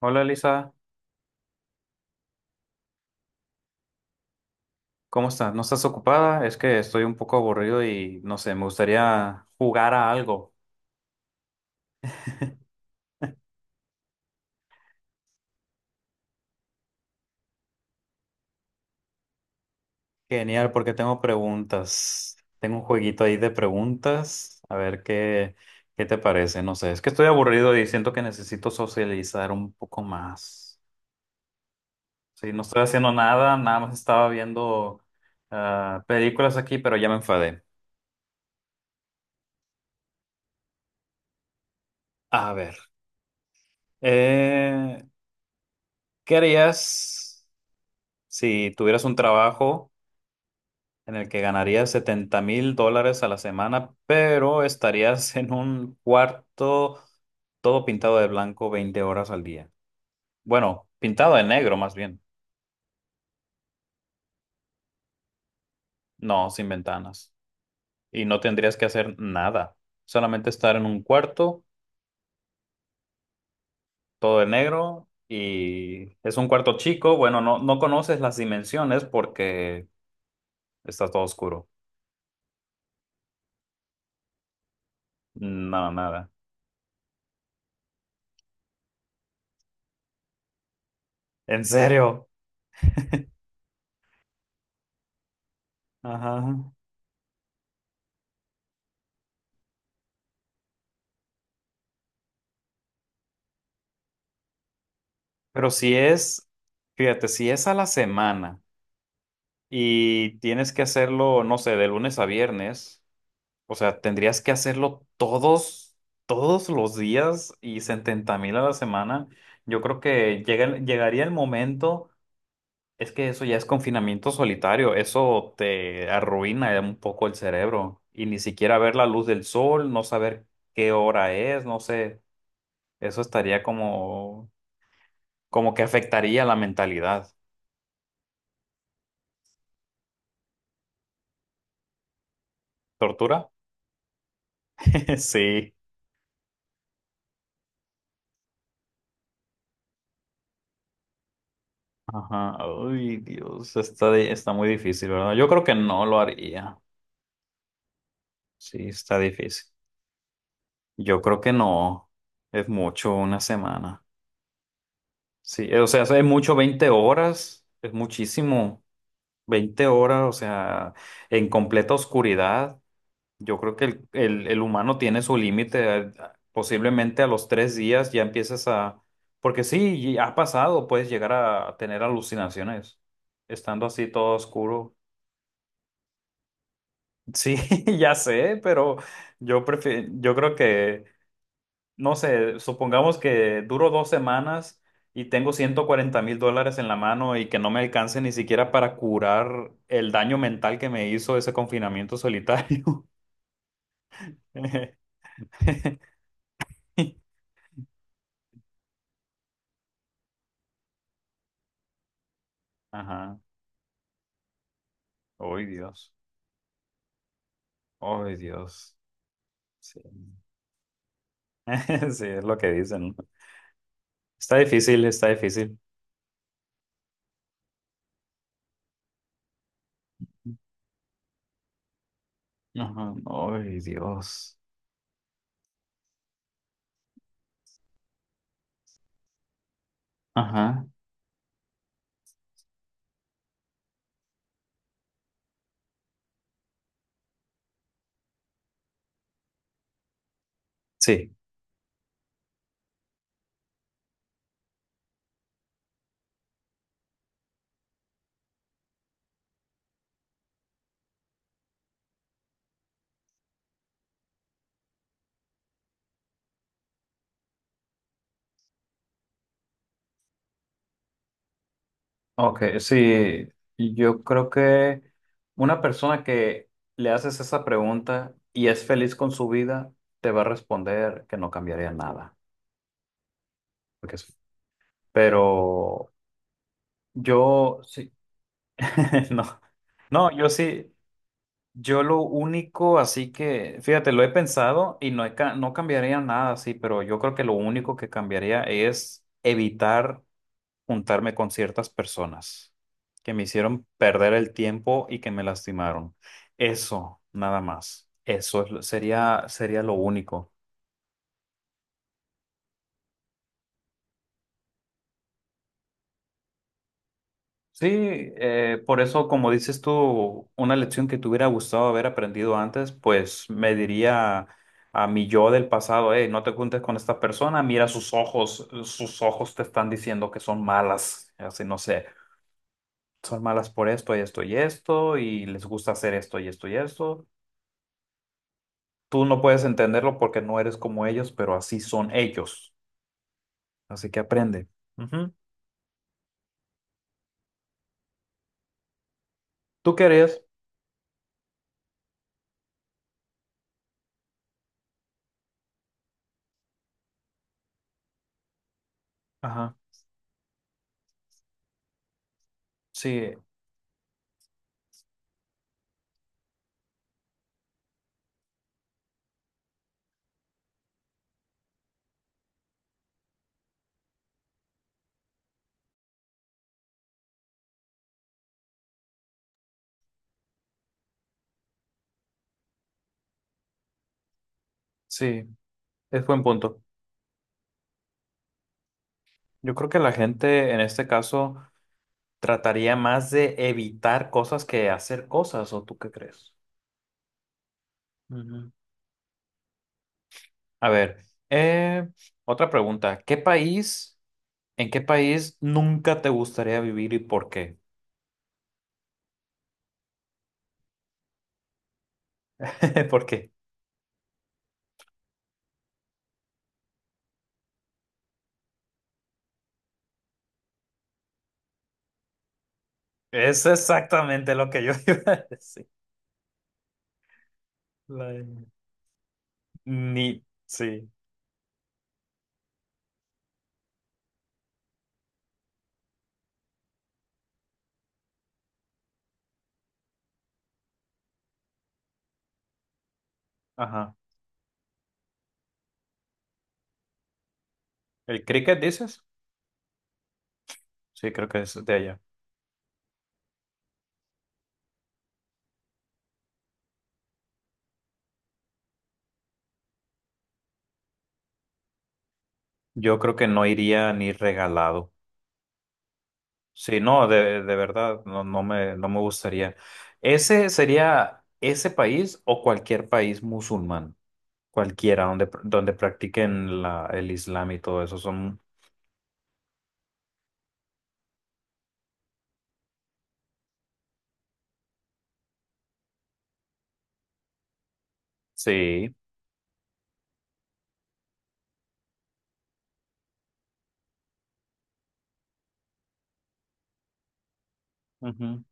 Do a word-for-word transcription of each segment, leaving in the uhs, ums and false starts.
Hola Lisa, ¿cómo estás? ¿No estás ocupada? Es que estoy un poco aburrido y no sé, me gustaría jugar a algo. Genial, porque tengo preguntas. Tengo un jueguito ahí de preguntas. A ver qué, qué te parece. No sé, es que estoy aburrido y siento que necesito socializar un poco más. Sí, no estoy haciendo nada, nada más estaba viendo ah, películas aquí, pero ya me enfadé. A ver, eh, ¿qué harías si tuvieras un trabajo en el que ganarías setenta mil dólares a la semana, pero estarías en un cuarto todo pintado de blanco veinte horas al día? Bueno, pintado de negro más bien, no, sin ventanas. Y no tendrías que hacer nada, solamente estar en un cuarto todo de negro y es un cuarto chico, bueno, no, no conoces las dimensiones porque está todo oscuro. No, nada. ¿En serio? Ajá. Pero si es, fíjate, si es a la semana. Y tienes que hacerlo, no sé, de lunes a viernes. O sea, tendrías que hacerlo todos, todos los días, y setenta mil a la semana. Yo creo que llega- el- llegaría el momento. Es que eso ya es confinamiento solitario, eso te arruina un poco el cerebro. Y ni siquiera ver la luz del sol, no saber qué hora es, no sé, eso estaría como, como que afectaría la mentalidad. ¿Tortura? Sí. Ajá. Ay, Dios, está, di- está muy difícil, ¿verdad? Yo creo que no lo haría. Sí, está difícil. Yo creo que no. Es mucho una semana. Sí, eh, o sea, es mucho veinte horas. Es muchísimo. Veinte horas, o sea, en completa oscuridad. Yo creo que el, el- el humano tiene su límite. eh, Posiblemente a los tres días ya empiezas a... Porque sí, y ha pasado, puedes llegar a tener alucinaciones. Estando así todo oscuro. Sí, ya sé, pero yo prefiero, yo creo que, no sé, supongamos que duro dos semanas y tengo ciento cuarenta mil dólares en la mano y que no me alcance ni siquiera para curar el daño mental que me hizo ese confinamiento solitario. Ajá. Ay, Dios. Ay, Dios. Sí. Sí, es lo que dicen, ¿no? Está difícil, está difícil. Ajá. Ay, Dios. Ajá. Sí. Ok, sí, yo creo que una persona que le haces esa pregunta y es feliz con su vida, te va a responder que no cambiaría nada. Porque es- Pero yo sí. No, no, yo sí, yo lo único, así que, fíjate, lo he pensado y no, he ca- no cambiaría nada, sí, pero yo creo que lo único que cambiaría es evitar juntarme con ciertas personas que me hicieron perder el tiempo y que me lastimaron. Eso, nada más. Eso es lo- sería, sería lo único. Sí, eh, por eso, como dices tú, una lección que te hubiera gustado haber aprendido antes, pues me diría a mi yo del pasado: hey, no te juntes con esta persona, mira sus ojos, sus ojos te están diciendo que son malas, así no sé, son malas por esto y esto y esto, y les gusta hacer esto y esto y esto. Tú no puedes entenderlo porque no eres como ellos, pero así son ellos. Así que aprende. Ujú. ¿Tú qué harías? Ajá. Sí, sí, es buen punto. Yo creo que la gente en este caso trataría más de evitar cosas que hacer cosas, ¿o tú qué crees? Ujú. A ver, eh, otra pregunta. ¿Qué país, en qué país nunca te gustaría vivir y por qué? ¿Por qué? Es exactamente lo que yo iba a decir. La- Ni, sí, ajá. ¿El cricket dices? Sí, creo que es de allá. Yo creo que no iría ni regalado. Sí, no, de, de verdad, no, no me, no me gustaría. ¿Ese sería ese país o cualquier país musulmán? Cualquiera, donde, donde practiquen la, el Islam y todo eso. Son, sí, ujú,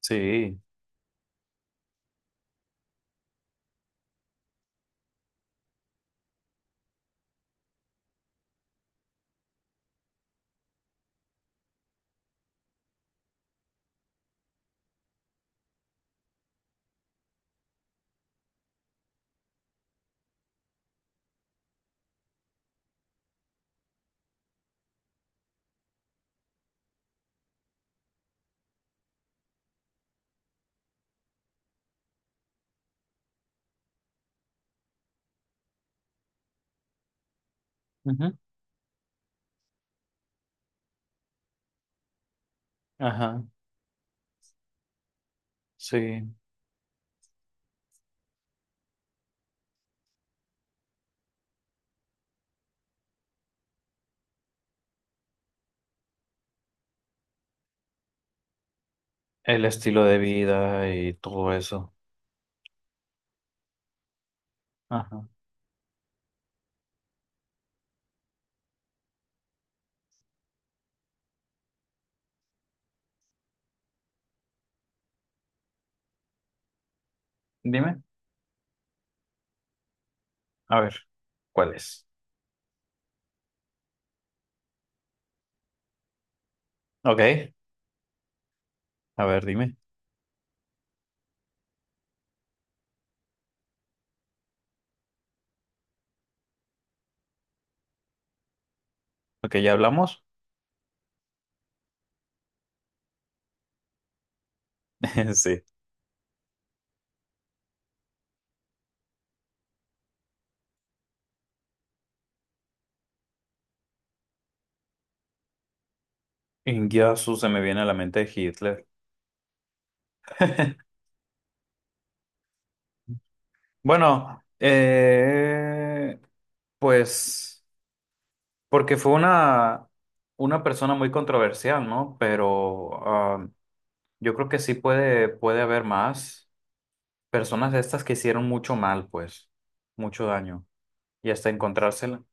sí, ujú, ajá, sí. El estilo de vida y todo eso. Ajá. Dime, a ver, ¿cuál es? Ok, a ver, dime. Ok, ¿ya hablamos? Sí. Ingiasu se me viene a la mente Hitler. Bueno, eh, pues porque fue una, una persona muy controversial, ¿no? Pero ah, yo creo que sí puede, puede haber más personas de estas que hicieron mucho mal, pues, mucho daño. Y hasta encontrársela,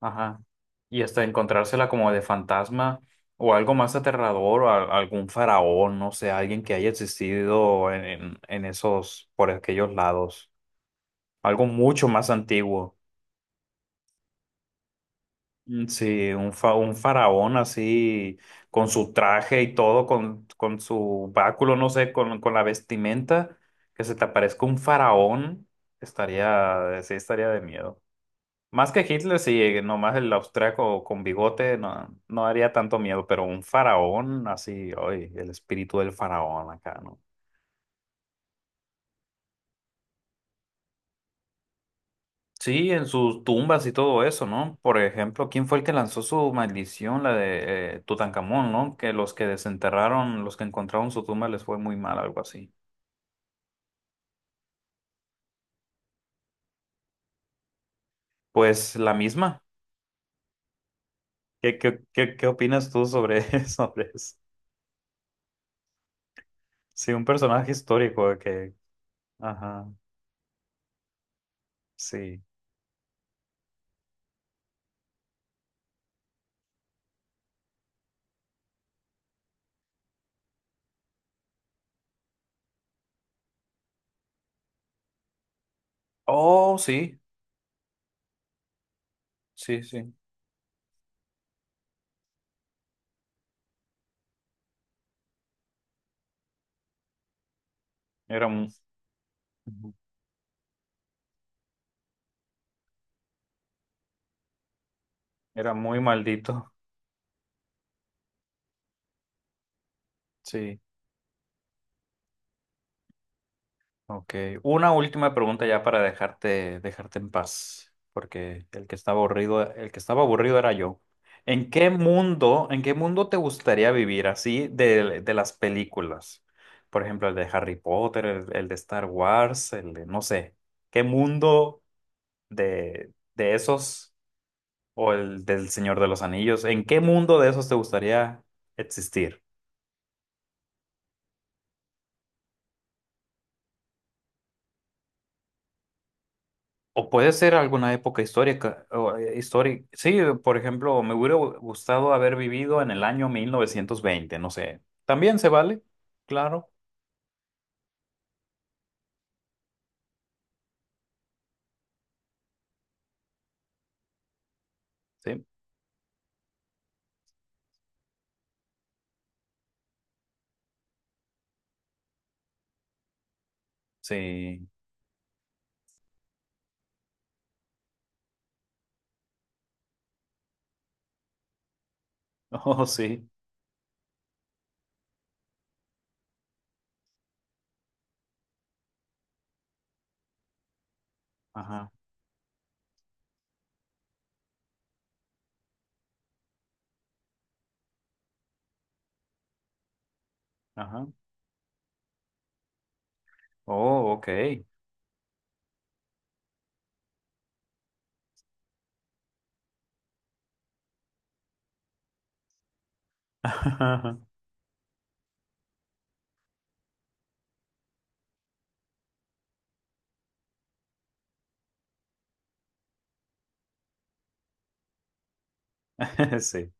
ajá. Y hasta encontrársela como de fantasma o algo más aterrador, o a- algún faraón, no sé, alguien que haya existido en, en en esos, por aquellos lados. Algo mucho más antiguo. Mm, sí, un, fa- un faraón así, con su traje y todo, con, con su báculo, no sé, con, con la vestimenta, que se te aparezca un faraón, estaría, sí, estaría de miedo. Más que Hitler, sí, nomás el austriaco con bigote no, no haría tanto miedo, pero un faraón así, oye, el espíritu del faraón acá, ¿no? Sí, en sus tumbas y todo eso, ¿no? Por ejemplo, ¿quién fue el que lanzó su maldición, la de eh, Tutankamón? ¿No? Que los que desenterraron, los que encontraron su tumba, les fue muy mal, algo así. Pues la misma. ¿Qué, qué, qué, qué opinas tú sobre, sobre eso? Sí, un personaje histórico de que... Ajá, sí. Oh, sí, sí, sí. Era, mu- Era muy maldito. Sí. Ok, una última pregunta ya para dejarte, dejarte en paz, porque el que estaba aburrido, el que estaba aburrido era yo. ¿En qué mundo, en qué mundo te gustaría vivir así de, de, las películas? Por ejemplo, el de Harry Potter, el, el de Star Wars, el de, no sé, ¿qué mundo de, de esos o el del Señor de los Anillos? ¿En qué mundo de esos te gustaría existir? O puede ser alguna época histórica, o, eh, histórica. Sí, por ejemplo, me hubiera gu- gustado haber vivido en el año mil novecientos veinte, no sé. También se vale, claro. Sí, sí. Oh, sí. Ajá, ajá. Oh, ok. Sí,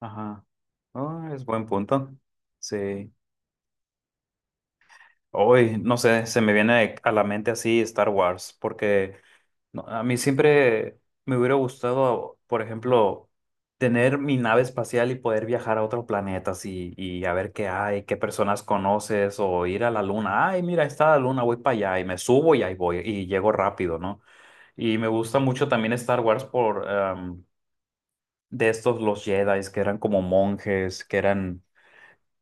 ajá. Oh, es buen punto. Sí. Hoy, no sé, se me viene a la mente así Star Wars, porque no, a mí siempre me hubiera gustado, por ejemplo, tener mi nave espacial y poder viajar a otros planetas y, y, a ver qué hay, qué personas conoces, o ir a la luna. Ay, mira, ahí está la luna, voy para allá y me subo y ahí voy y llego rápido, ¿no? Y me gusta mucho también Star Wars por em, de estos los Jedi, que eran como monjes, que eran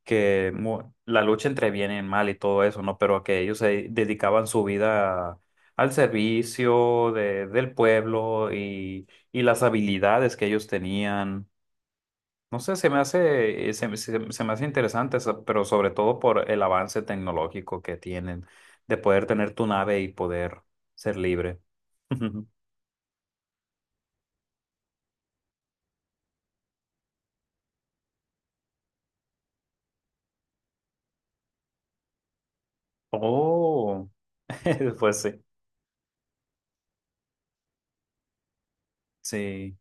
que mu- la lucha entre bien y mal y todo eso, ¿no? Pero que ellos se dedicaban su vida a- al servicio de, del pueblo, y, y, las habilidades que ellos tenían. No sé, se me hace, eh, se, me se- se me hace interesante, so- pero sobre todo por el avance tecnológico que tienen, de poder tener tu nave y poder ser libre. Oh, pues sí, sí,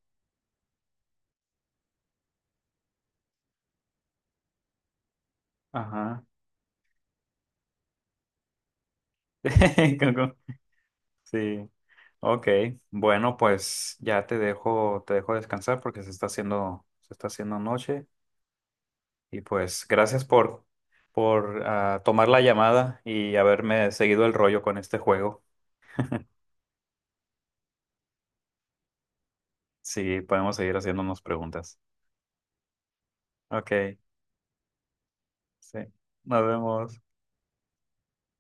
ajá. Sí. Ok, bueno, pues ya te dejo, te dejo, descansar porque se está haciendo, se está haciendo noche, y pues gracias por, por ah, tomar la llamada y haberme seguido el rollo con este juego. Sí, podemos seguir haciéndonos preguntas. Ok, sí, nos vemos.